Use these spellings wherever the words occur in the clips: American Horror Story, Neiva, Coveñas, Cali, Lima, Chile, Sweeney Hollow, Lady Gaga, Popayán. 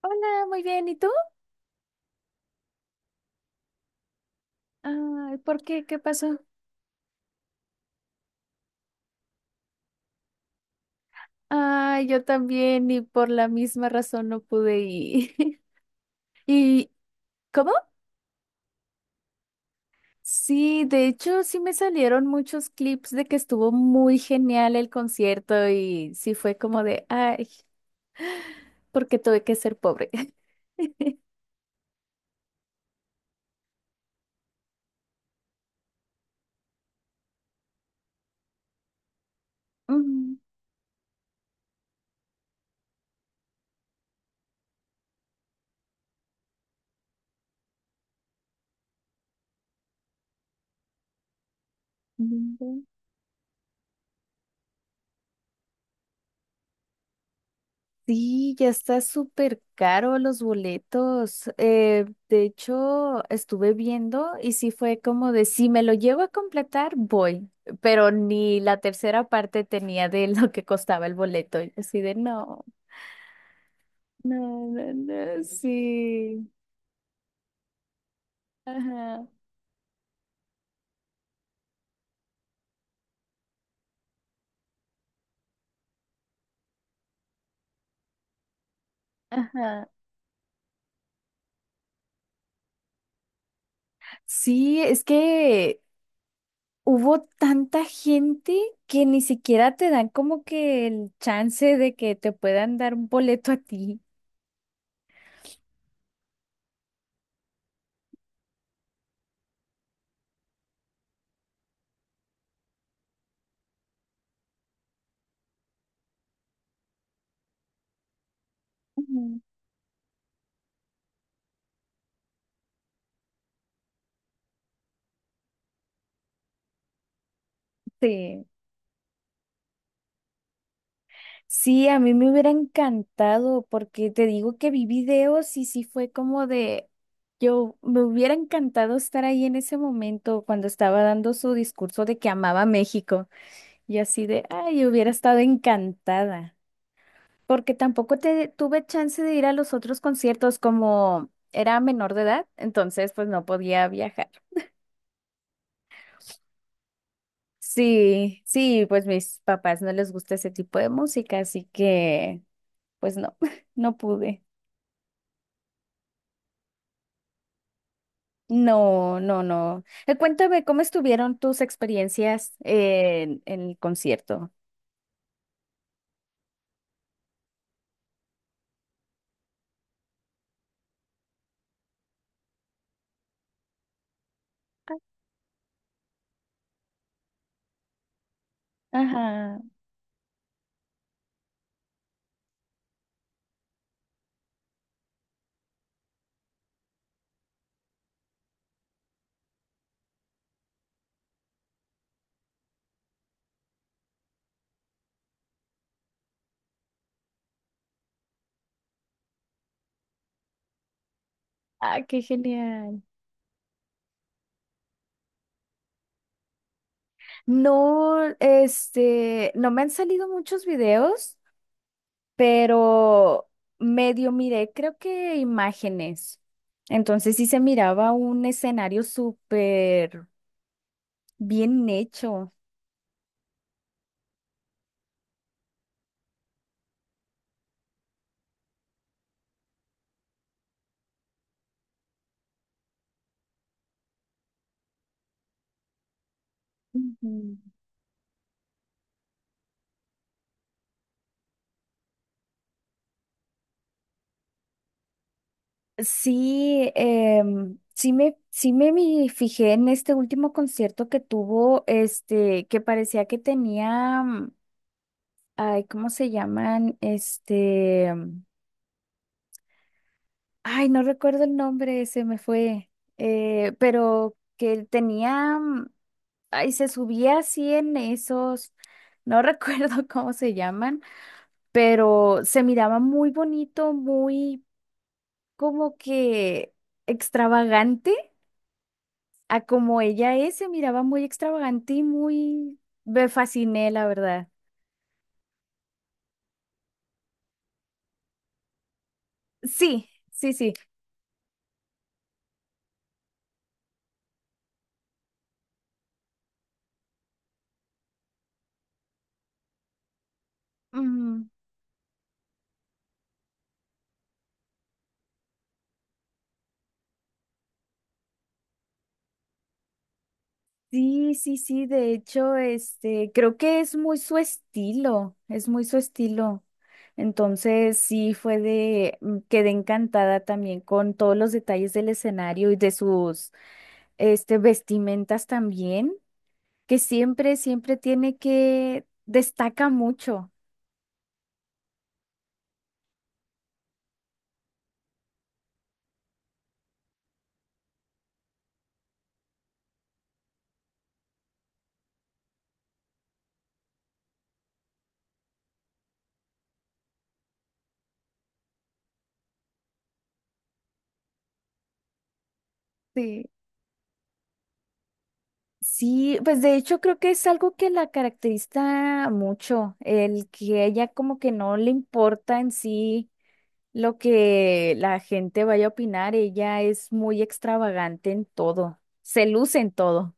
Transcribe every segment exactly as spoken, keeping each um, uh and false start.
Hola, muy bien. ¿Y tú? Ay, ¿por qué? ¿Qué pasó? Ay, yo también y por la misma razón no pude ir. ¿Y cómo? Sí, de hecho sí me salieron muchos clips de que estuvo muy genial el concierto y sí fue como de, ay, porque tuve que ser pobre. Ujú. Sí, ya está súper caro los boletos. Eh, de hecho, estuve viendo y sí fue como de si me lo llego a completar, voy. Pero ni la tercera parte tenía de lo que costaba el boleto. Y así de no, no, no, no, sí. Ajá, ajá. Sí, es que hubo tanta gente que ni siquiera te dan como que el chance de que te puedan dar un boleto a ti. Ujú. Sí. Sí, a mí me hubiera encantado porque te digo que vi videos y sí fue como de, yo me hubiera encantado estar ahí en ese momento cuando estaba dando su discurso de que amaba México y así de, ay, hubiera estado encantada porque tampoco te, tuve chance de ir a los otros conciertos como era menor de edad, entonces pues no podía viajar. Sí, sí, pues mis papás no les gusta ese tipo de música, así que pues no, no pude. No, no, no. Eh, Cuéntame, ¿cómo estuvieron tus experiencias en, en el concierto? Ajá. Ah, qué genial. No, este, no me han salido muchos videos, pero medio miré, creo que imágenes. Entonces sí se miraba un escenario súper bien hecho. Ujú. Sí, em, sí me, sí me vi- fijé en este último concierto que tuvo, este, que parecía que tenía, mm, ay, ¿cómo se llaman? Este, mm, ay, no recuerdo el nombre, se me fue, eh, pero que tenía, mm, ay, se subía así en esos, no recuerdo cómo se llaman, pero se miraba muy bonito, muy como que extravagante. A como ella es, se miraba muy extravagante y muy... Me fasciné, la verdad. Sí, sí, sí. Mm, sí, sí, sí. De hecho, este, creo que es muy su estilo. Es muy su estilo. Entonces, sí, fue de... mm, quedé encantada también con todos los detalles del escenario y de sus, este, vestimentas también, que siempre, siempre tiene que... Destaca mucho. Sí. Sí, pues de hecho creo que es algo que la caracteriza mucho, el que ella como que no le importa en sí lo que la gente vaya a opinar, ella es muy extravagante en todo, se luce en todo.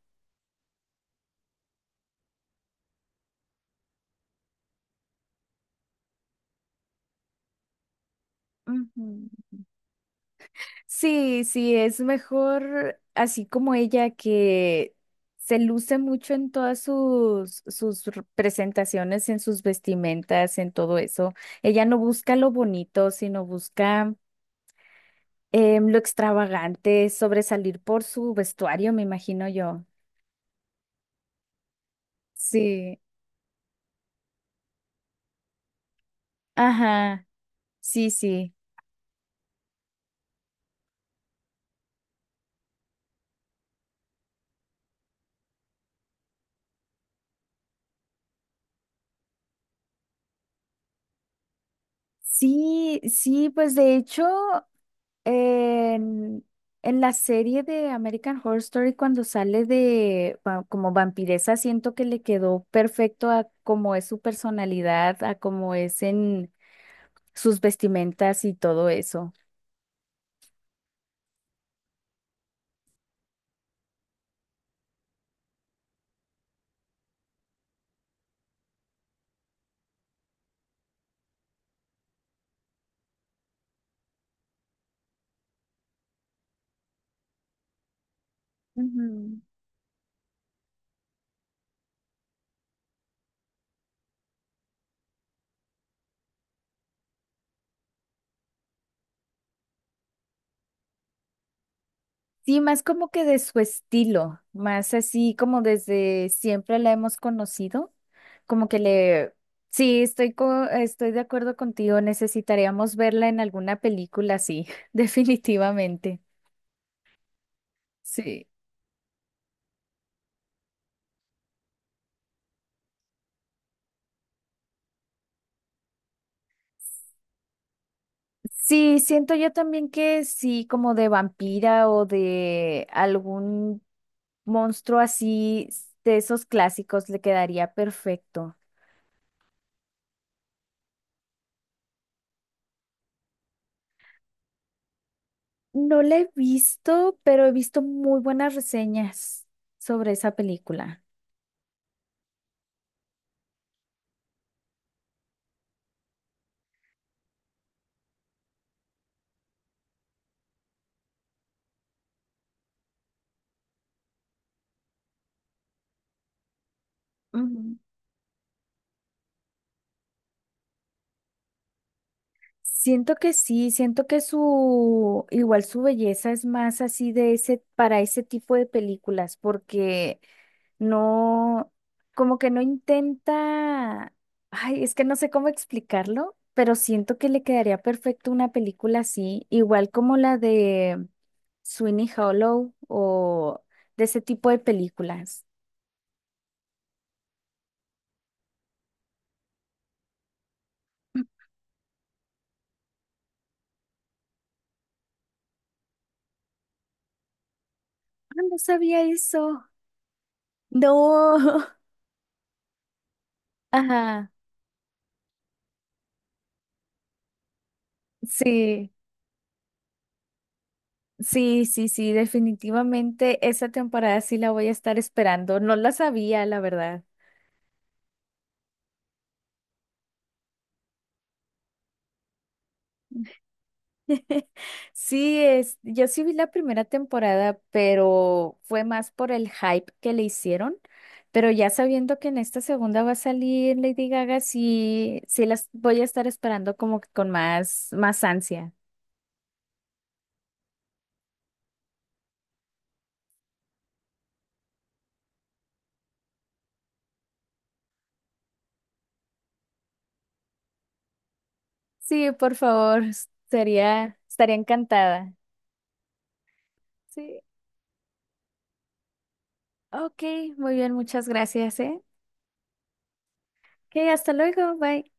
Ujú. Sí, sí, es mejor así como ella que se luce mucho en todas sus, sus r- presentaciones, en sus vestimentas, en todo eso. Ella no busca lo bonito, sino busca Em, lo extravagante, sobresalir por su vestuario, me imagino yo. Sí, ajá, sí, sí. Sí, sí, pues de hecho, en, en la serie de American Horror Story, cuando sale de va- como vampiresa, siento que le quedó perfecto a cómo es su personalidad, a cómo es en sus vestimentas y todo eso. Ujú. Sí, más como que de su estilo, más así como desde siempre la hemos conocido, como que le, sí, estoy co- estoy de acuerdo contigo, necesitaríamos verla en alguna película, sí, definitivamente. Sí. Sí, siento yo también que sí, como de vampira o de algún monstruo así, de esos clásicos, le quedaría perfecto. No la he visto, pero he visto muy buenas reseñas sobre esa película. Ujú. Siento que sí, siento que su, igual su belleza es más así de ese, para ese tipo de películas, porque no, como que no intenta, ay, es que no sé cómo explicarlo, pero siento que le quedaría perfecto una película así, igual como la de Sweeney Hollow o de ese tipo de películas. Ah, no sabía eso. No. Ajá. Sí, sí, sí, sí. Definitivamente esa temporada sí la voy a estar esperando. No la sabía, la verdad. Sí, es, yo sí vi la primera temporada, pero fue más por el hype que le hicieron. Pero ya sabiendo que en esta segunda va a salir Lady Gaga, sí, sí las voy a estar esperando como que con más, más ansia. Sí, por favor, sería, estaría encantada. Sí. Ok, muy bien, muchas gracias, ¿eh? Ok, hasta luego, bye.